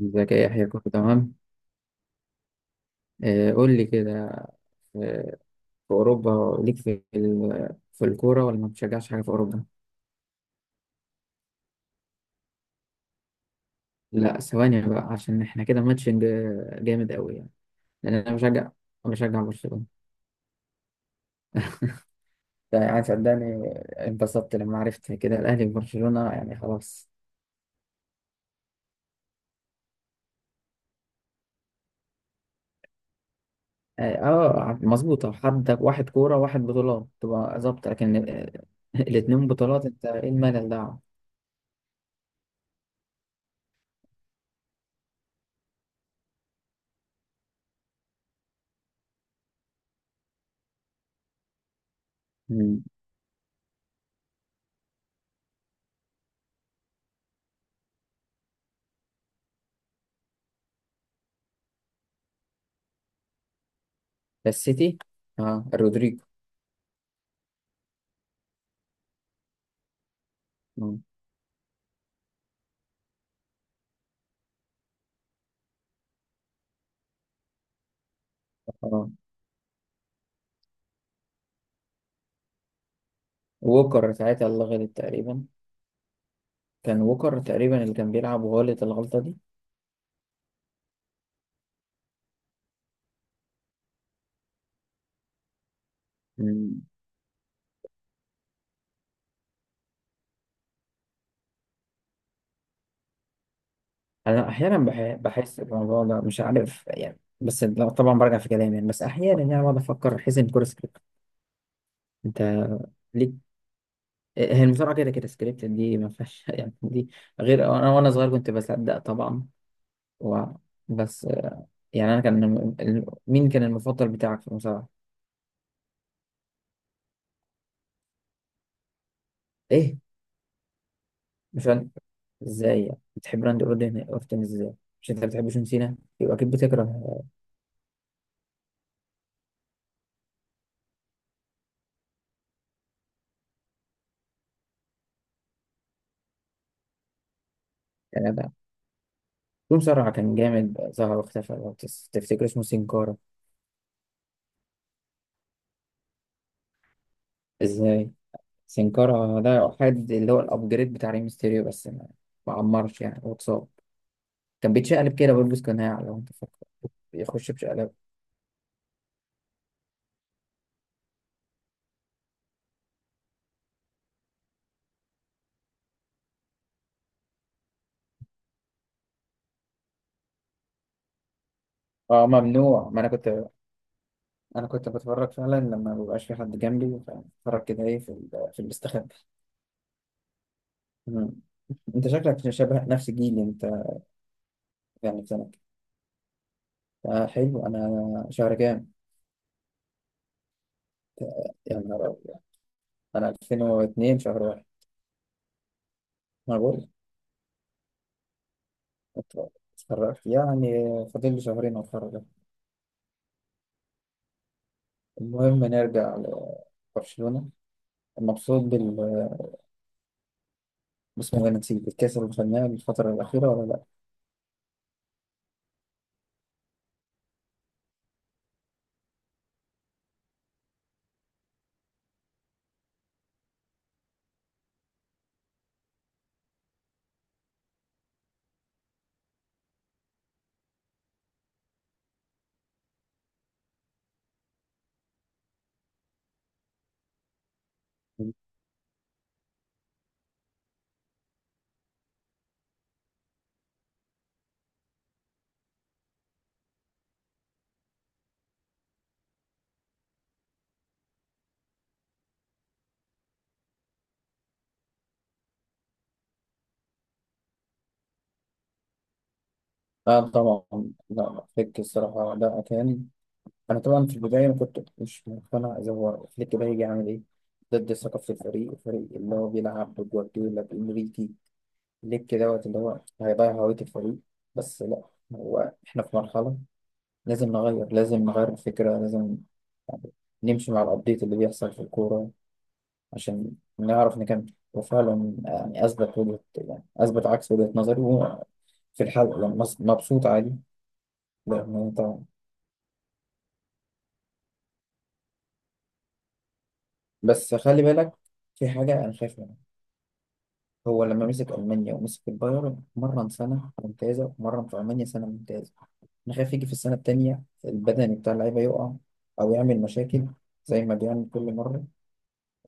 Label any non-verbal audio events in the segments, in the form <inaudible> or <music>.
ازيك يا يحيى، كله تمام. قول لي كده. آه، في أوروبا ليك في في الكورة، ولا ما بتشجعش حاجة في أوروبا؟ لا، ثواني بقى عشان احنا كده ماتشنج، جامد قوي يعني. لأن أنا بشجع، برشلونة. ده يعني صدقني، انبسطت لما عرفت كده الأهلي وبرشلونة يعني خلاص. اه، آه، مظبوطة، حد واحد كورة واحد بطولات تبقى ظابطة، لكن <laughs> الاتنين بطولات انت، ايه الملل ده؟ مم. بس سيتي. اه رودريجو. اه آه. ووكر ساعتها اللي غلط تقريبا. كان ووكر تقريبا اللي كان بيلعب وغلط الغلطة دي. مم. أنا أحيانا بحس بالموضوع ده، مش عارف يعني، بس لا، طبعا برجع في كلامي يعني، بس أحيانا يعني بقعد أفكر، أحس إن الكورة سكريبت. أنت ليك. هي المصارعة كده كده سكريبت، دي ما فيهاش <laughs> يعني دي. غير أنا وأنا صغير كنت بصدق طبعا. و بس يعني أنا كان مين كان المفضل بتاعك في المصارعة؟ إيه؟ مش أنا. إزاي يعني؟ بتحب راندي أورتن، أورتن إزاي؟ مش أنت بتحب جون سينا؟ يبقى أكيد بتكره. يا جدع، في مصارع كان جامد، ظهر واختفى، لو تفتكر اسمه سينكارا. ازاي، سينكارا ده حد اللي هو الابجريد بتاع ريم ستيريو، بس ما عمرش، يعني هو اتصاب، كان بيتشقلب كده بيلبس قناع، لو انت فاكر. بيخش بشقلب. اه ممنوع، ما انا كنت، انا كنت بتفرج فعلا لما مبيبقاش في حد جنبي، بتفرج كده ايه في في المستخبى. مم. انت شكلك شبه نفس جيلي انت، يعني في سنك. آه حلو، انا شهر كام؟ يا نهار ابيض، انا 2002 شهر واحد. ما بقول اتخرجت يعني، فاضل لي شهرين واتخرج. المهم نرجع لبرشلونة، مبسوط بال، بسم الله، نسيت الكاس اللي خدناه الفترة الأخيرة ولا لأ؟ اه طبعا، لا فليك الصراحة ده كان، أنا طبعا في البداية ما كنت مش مقتنع إذا هو فليك ده هيجي يعمل إيه، ضد ثقافة الفريق، الفريق اللي هو بيلعب بجوارديولا بإنريكي، ليك دوت اللي هو هيضيع هوية الفريق. بس لا، هو إحنا في مرحلة لازم نغير، لازم نغير الفكرة، لازم يعني نمشي مع الأبديت اللي بيحصل في الكورة عشان نعرف نكمل. وفعلا يعني أثبت وجهة، يعني أثبت عكس وجهة نظري، وهو في الحلقة لما مبسوط عادي. لأنه طبعا، بس خلي بالك في حاجة أنا خايف منها. هو لما مسك ألمانيا ومسك البايرن، مرن سنة ممتازة، ومرن في ألمانيا سنة ممتازة. أنا خايف يجي في السنة التانية البدني بتاع اللعيبة يقع، أو يعمل مشاكل زي ما بيعمل كل مرة،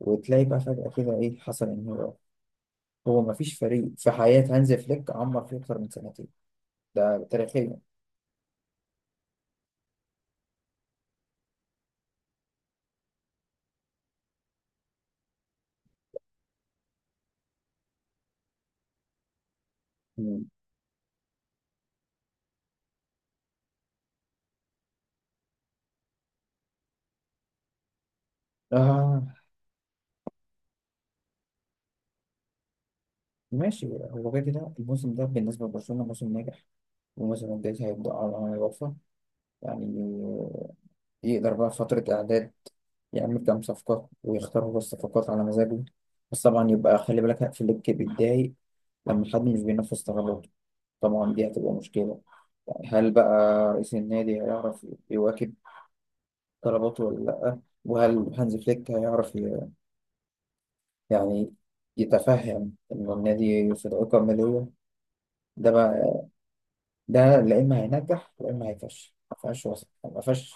وتلاقي بقى فجأة كده إيه حصل، انهيار. هو مفيش فريق في حياة هانز فليك عمر فيه أكتر من سنتين، ده تاريخيا. مم. آه ماشي، هو كده كده الموسم ده بالنسبة لبرشلونة موسم ناجح، والموسم الجاي هيبدأ على يوفى، يعني يقدر بقى في فترة إعداد يعمل كام صفقات ويختار هو الصفقات على مزاجه. بس طبعا يبقى خلي بالك، في ليك بيتضايق لما حد مش بينفذ تطلباته، طبعا دي هتبقى مشكلة. يعني هل بقى رئيس النادي هيعرف يواكب طلباته ولا لأ، وهل هانز فليك هيعرف يعني يتفهم إن النادي في الرقم مليون؟ ده بقى، ده لا إما هينجح لا إما هيفشل، ما فيهاش وسط ما فيهاش.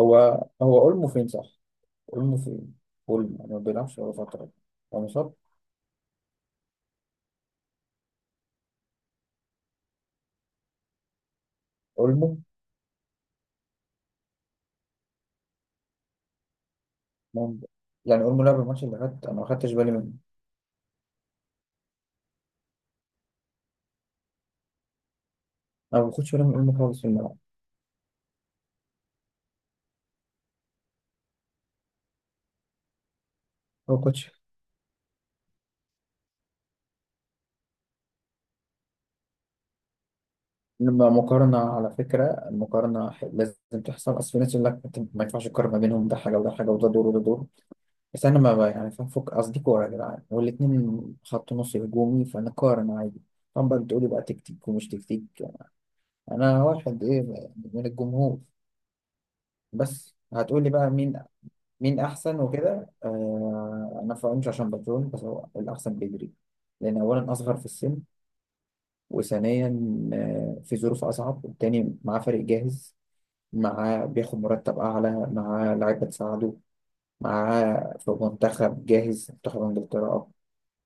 هو هو أولمو فين صح؟ أولمو فين؟ أولمو ما بيلعبش ولا فترة، هو مصاب. أولمو مم- يعني أولمو لعب الماتش اللي فات أنا ما خدتش بالي منه. أنا ما باخدش بالي من أولمو خالص في الملعب. هو كوتش. لما مقارنة على فكرة، المقارنة لازم تحصل، أصل الناس يقول لك أنت ما ينفعش تقارن ما بينهم، ده حاجة وده حاجة، وده دور وده دور. بس انا ما بقى يعني فاهم، فك قصدي كوره يا جدعان والاتنين خط نص هجومي، فانا قارن عادي. طبعا بقى بتقولي بقى تكتيك ومش تكتيك، انا واحد ايه من الجمهور. بس هتقولي بقى مين، مين احسن وكده. آه انا فاهمش عشان برشلونه، بس هو الاحسن بدري، لان اولا اصغر في السن، وثانيا في ظروف اصعب، والتاني معاه فريق جاهز، معاه بياخد مرتب اعلى، معاه لعيبه تساعده، معاه في منتخب جاهز منتخب انجلترا،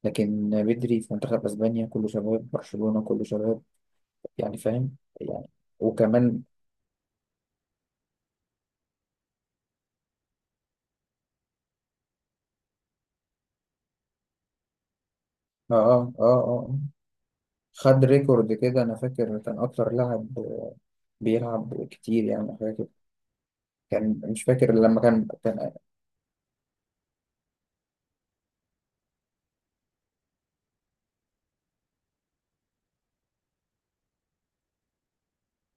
لكن بدري في منتخب اسبانيا كله شباب، برشلونة كله شباب. يعني فاهم يعني. وكمان اه اه اه آه. آه. خد ريكورد كده، انا فاكر كان اكتر لاعب بيلعب كتير يعني حاجة كده، كان مش فاكر لما كان.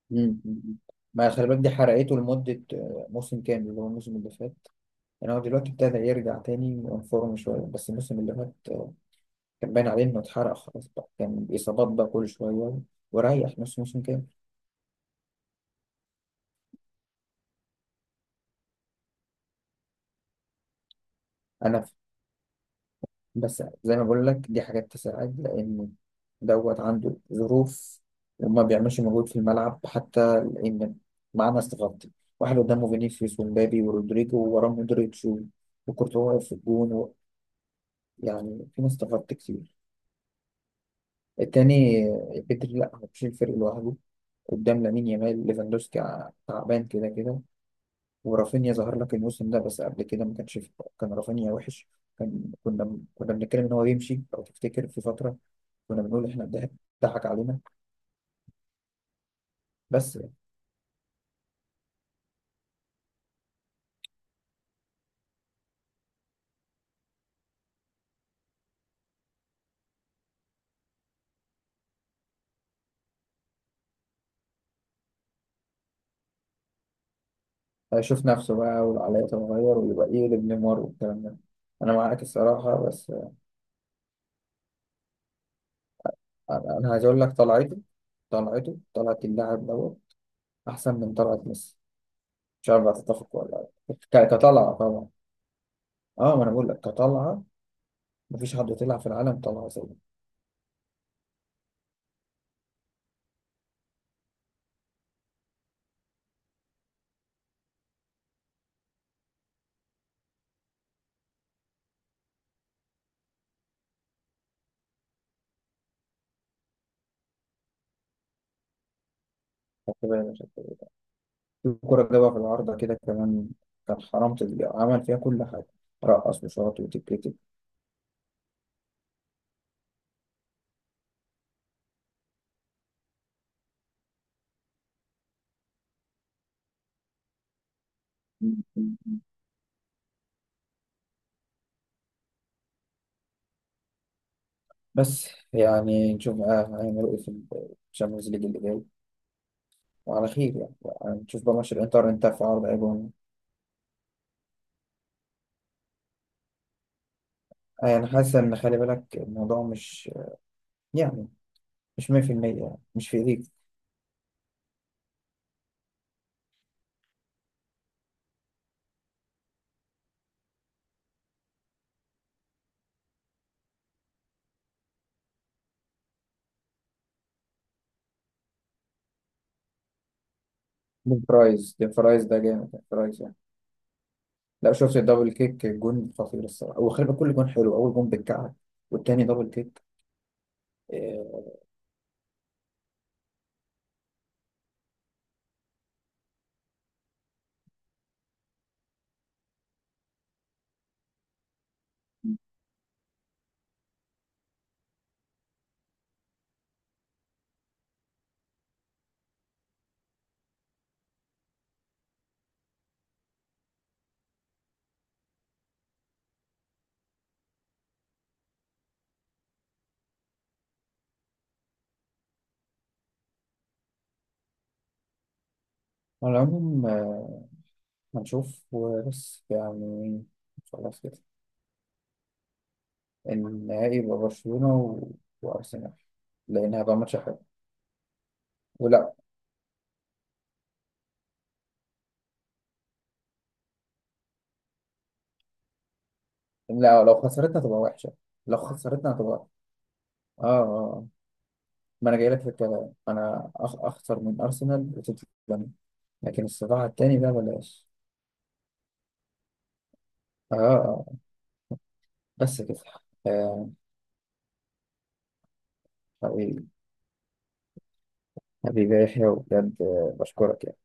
مم. مم. ما خلي بالك دي حرقته لمدة موسم كامل اللي هو الموسم اللي فات. يعني هو دلوقتي ابتدى يرجع تاني وانفورم شوية، بس الموسم اللي فات كان باين عليه إنه اتحرق خلاص بقى، كان إصابات بقى كل شوية، وريح نص موسم كامل. أنا بس زي ما بقول لك دي حاجات تساعد، لأن دوت عنده ظروف، وما بيعملش مجهود في الملعب حتى، لأن معانا استغربت، واحد قدامه فينيسيوس ومبابي ورودريجو، ووراه مودريتش و وكورتوا واقف في الجون. و... يعني في ناس استغربت كتير. التاني بدري لا هو مش الفريق لوحده، قدام لامين يامال ليفاندوسكي تعبان كده كده، ورافينيا ظهر لك الموسم ده، بس قبل كده ما كانش كان رافينيا وحش. كان كنا كنا بنتكلم ان هو يمشي لو تفتكر، في فتره كنا بنقول احنا الضحك ضحك علينا. بس هيشوف نفسه بقى والعلاقات تتغير ويبقى ايه لابن نمر والكلام ده. انا معاك الصراحه، بس أنا عايز اقول لك طلعت اللاعب دوت احسن من طلعت ميسي، مش عارف هتتفق ولا لا. كطلعه طبعا. اه ما انا بقول لك كطلعه، مفيش حد طلع في العالم طلع زيه. خدت بالك في كرة جابها في العارضة كده كمان، كان حرام تضيع، عمل فيها كل حاجة. رقص وشاط وتكتك. بس يعني نشوف هيعملوا ايه في الشامبيونز ليج اللي جاي، وعلى خير يعني. يعني نشوف بقى ماتش الانتر انت في عرض ايبون. انا حاسس ان خلي بالك الموضوع مش يعني مش 100%، يعني مش في ايديك. دي فرايز ده جامد، دي فرايز يعني. لا شفت الدبل كيك، جون خطير الصراحه، وخلي بالك كل جون حلو، اول جون بالكعب، والتاني دبل كيك. آه، على العموم هنشوف وبس يعني، خلاص كده. النهائي يبقى برشلونه و- وارسنال، لانها بقى ماتش حلو ولا لا. لو خسرتنا تبقى وحشه، لو خسرتنا هتبقى، اه اه آه. ما انا جاي لك في الكلام، انا اخسر من ارسنال وتوتنهام. لكن الصراع التاني ده بلاش. اه اه آه. بس كده. آه حبيبي، حبيبي يا يحيى، وبجد بشكرك يعني.